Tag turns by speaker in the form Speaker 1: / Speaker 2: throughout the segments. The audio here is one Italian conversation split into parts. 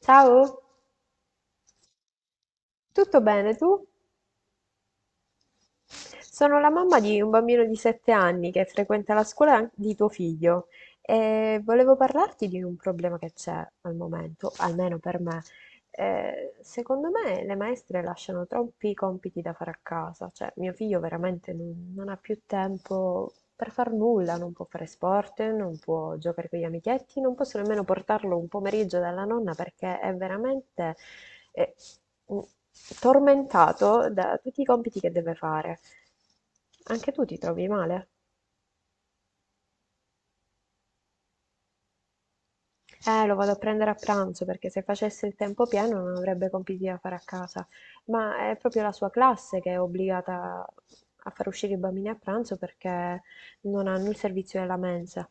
Speaker 1: Ciao, tutto bene tu? Sono la mamma di un bambino di 7 anni che frequenta la scuola an- di tuo figlio e volevo parlarti di un problema che c'è al momento, almeno per me. Secondo me le maestre lasciano troppi compiti da fare a casa, cioè mio figlio veramente non ha più tempo per far nulla, non può fare sport, non può giocare con gli amichetti, non posso nemmeno portarlo un pomeriggio dalla nonna perché è veramente eh, mm, tormentato da tutti i compiti che deve fare. Anche tu ti trovi male? Lo vado a prendere a pranzo perché se facesse il tempo pieno non avrebbe compiti da fare a casa, ma è proprio la sua classe che è obbligata a far uscire i bambini a pranzo perché non hanno il servizio della mensa.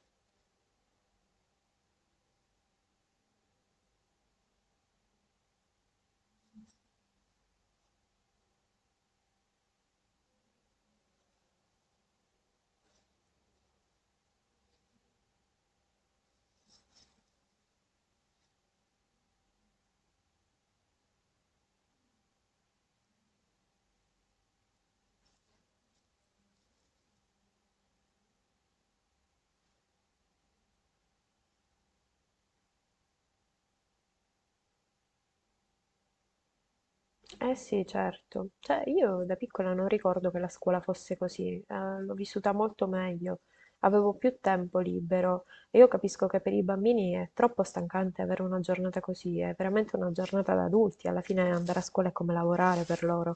Speaker 1: Eh sì, certo. Cioè, io da piccola non ricordo che la scuola fosse così, l'ho vissuta molto meglio, avevo più tempo libero e io capisco che per i bambini è troppo stancante avere una giornata così, è veramente una giornata da adulti, alla fine andare a scuola è come lavorare per loro.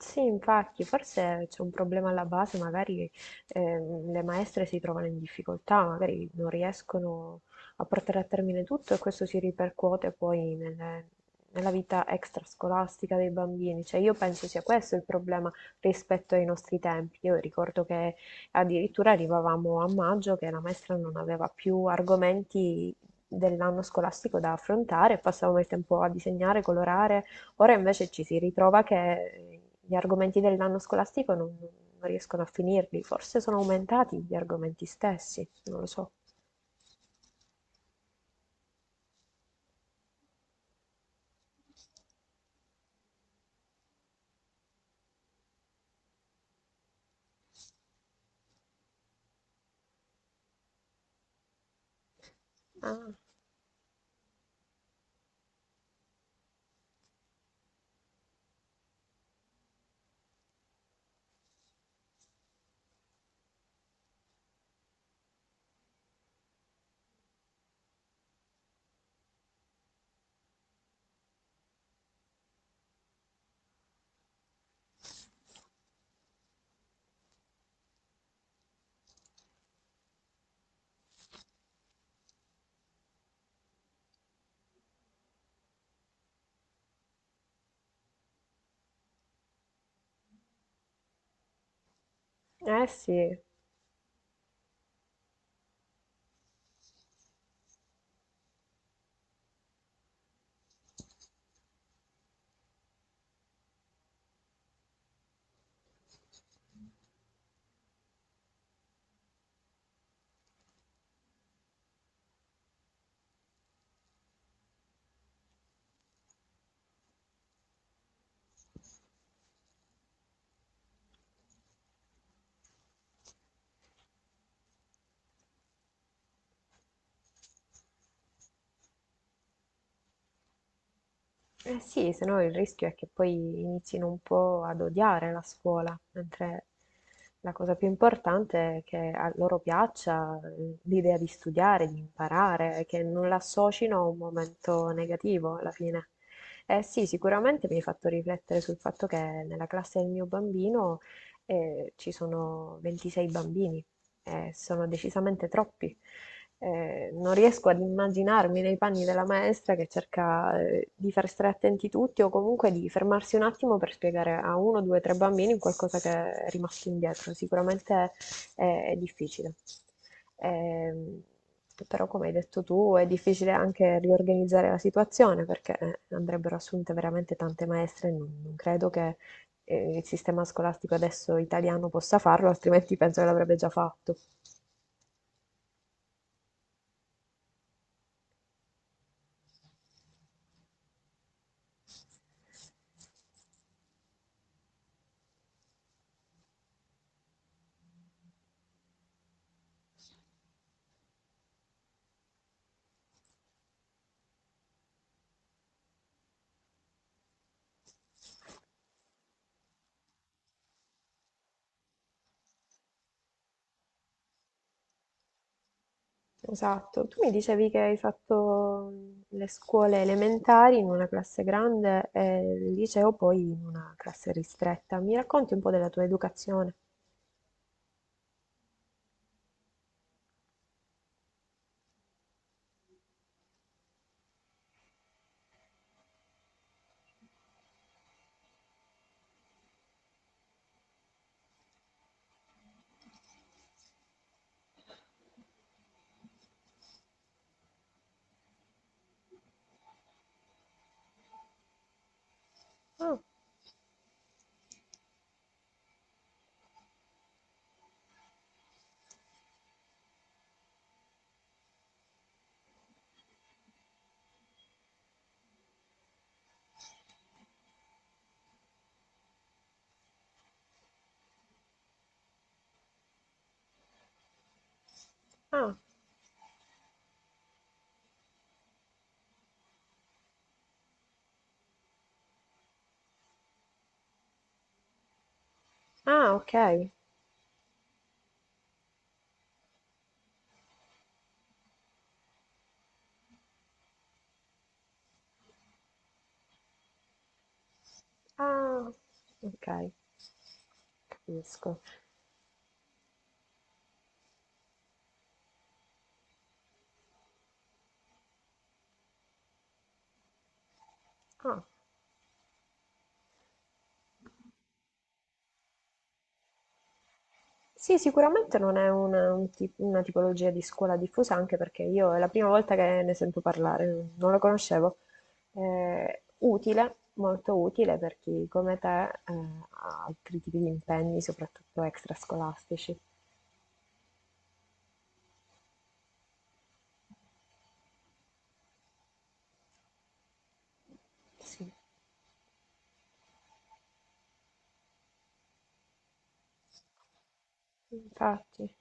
Speaker 1: Sì, infatti, forse c'è un problema alla base, magari le maestre si trovano in difficoltà, magari non riescono a portare a termine tutto e questo si ripercuote poi nella vita extrascolastica dei bambini. Cioè, io penso sia questo il problema rispetto ai nostri tempi. Io ricordo che addirittura arrivavamo a maggio che la maestra non aveva più argomenti dell'anno scolastico da affrontare, e passavamo il tempo a disegnare, colorare. Ora invece ci si ritrova che gli argomenti dell'anno scolastico non riescono a finirli, forse sono aumentati gli argomenti stessi, non lo so. Ah. Eh sì. Eh sì, se no il rischio è che poi inizino un po' ad odiare la scuola, mentre la cosa più importante è che a loro piaccia l'idea di studiare, di imparare, che non l'associno a un momento negativo alla fine. Eh sì, sicuramente mi hai fatto riflettere sul fatto che nella classe del mio bambino ci sono 26 bambini, e sono decisamente troppi non riesco ad immaginarmi nei panni della maestra che cerca di far stare attenti tutti o comunque di fermarsi un attimo per spiegare a uno, due, tre bambini qualcosa che è rimasto indietro. Sicuramente è difficile. Ehm, Però, come hai detto tu, è difficile anche riorganizzare la situazione perché andrebbero assunte veramente tante maestre. Non credo che il sistema scolastico adesso italiano possa farlo, altrimenti penso che l'avrebbe già fatto. Esatto. Tu mi dicevi che hai fatto le scuole elementari in una classe grande e il liceo poi in una classe ristretta. Mi racconti un po' della tua educazione? Ah, ah, ah, ok. Ah, ok, capisco. Ah. Sì, sicuramente non è un una tipologia di scuola diffusa, anche perché io è la prima volta che ne sento parlare, non la conoscevo. Utile, molto utile per chi come te ha altri tipi di impegni, soprattutto extrascolastici. Sì. Infatti,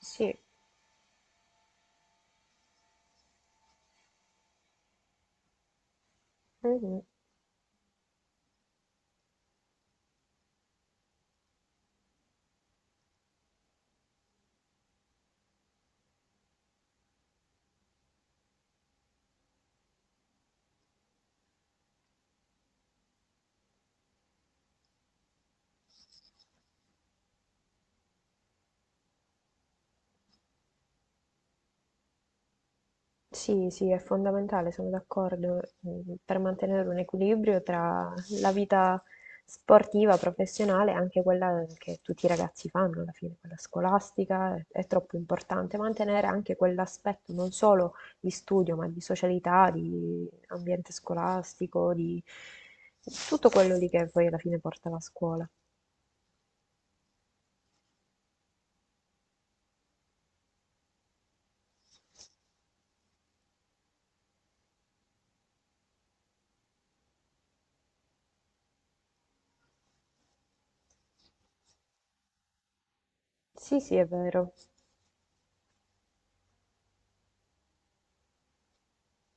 Speaker 1: sì. Mhm. Sì, sì, è fondamentale, sono d'accordo, per mantenere un equilibrio tra la vita sportiva, professionale e anche quella che tutti i ragazzi fanno alla fine, quella scolastica, è troppo importante mantenere anche quell'aspetto non solo di studio, ma di socialità, di ambiente scolastico, di tutto quello lì che poi alla fine porta la scuola. Sì, sì, è vero.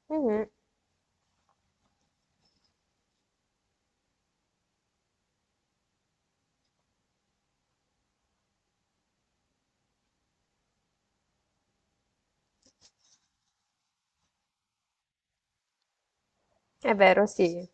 Speaker 1: Mhm. È vero, sì.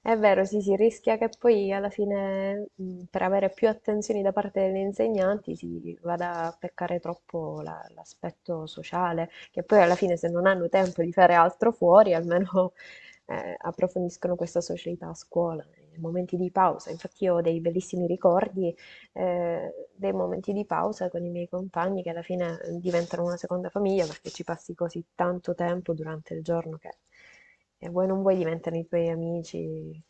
Speaker 1: È vero, sì, si rischia che poi alla fine, per avere più attenzioni da parte degli insegnanti, si vada a peccare troppo l'aspetto sociale, che poi alla fine se non hanno tempo di fare altro fuori, almeno approfondiscono questa socialità a scuola, nei momenti di pausa. Infatti io ho dei bellissimi ricordi dei momenti di pausa con i miei compagni che alla fine diventano una seconda famiglia perché ci passi così tanto tempo durante il giorno che vuoi non vuoi diventano i tuoi amici.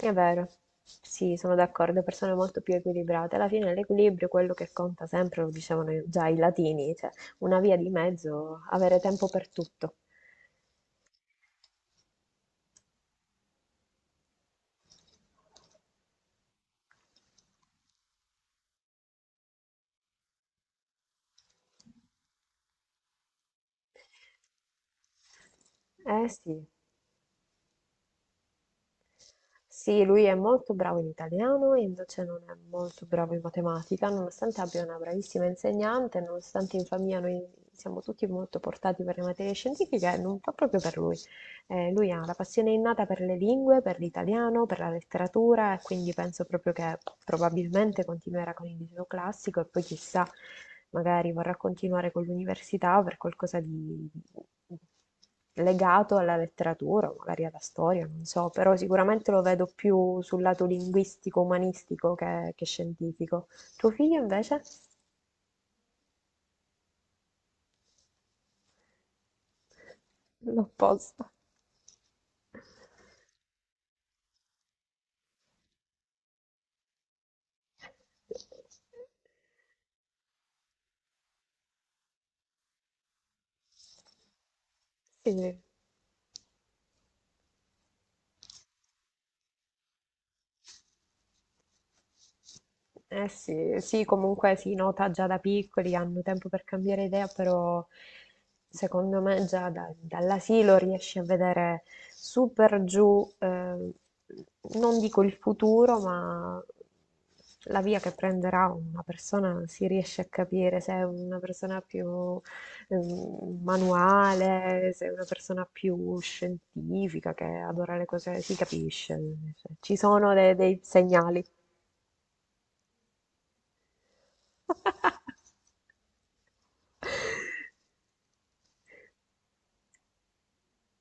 Speaker 1: È vero, sì, sono d'accordo, persone molto più equilibrate. Alla fine l'equilibrio è quello che conta sempre, lo dicevano già i latini, cioè una via di mezzo, avere tempo per tutto. Eh sì. Sì, lui è molto bravo in italiano e invece non è molto bravo in matematica, nonostante abbia una bravissima insegnante, nonostante in famiglia noi siamo tutti molto portati per le materie scientifiche, non fa proprio per lui. Lui ha la passione innata per le lingue, per l'italiano, per la letteratura e quindi penso proprio che probabilmente continuerà con il liceo classico e poi chissà, magari vorrà continuare con l'università o per qualcosa di legato alla letteratura, o magari alla storia, non so, però sicuramente lo vedo più sul lato linguistico, umanistico che scientifico. Tuo figlio invece? L'opposto. Sì, sì. Eh sì, sì, comunque si nota già da piccoli, hanno tempo per cambiare idea, però secondo me dall'asilo riesci a vedere super giù, non dico il futuro, ma la via che prenderà una persona, si riesce a capire se è una persona più manuale, se è una persona più scientifica che adora le cose, si capisce, cioè, ci sono dei segnali.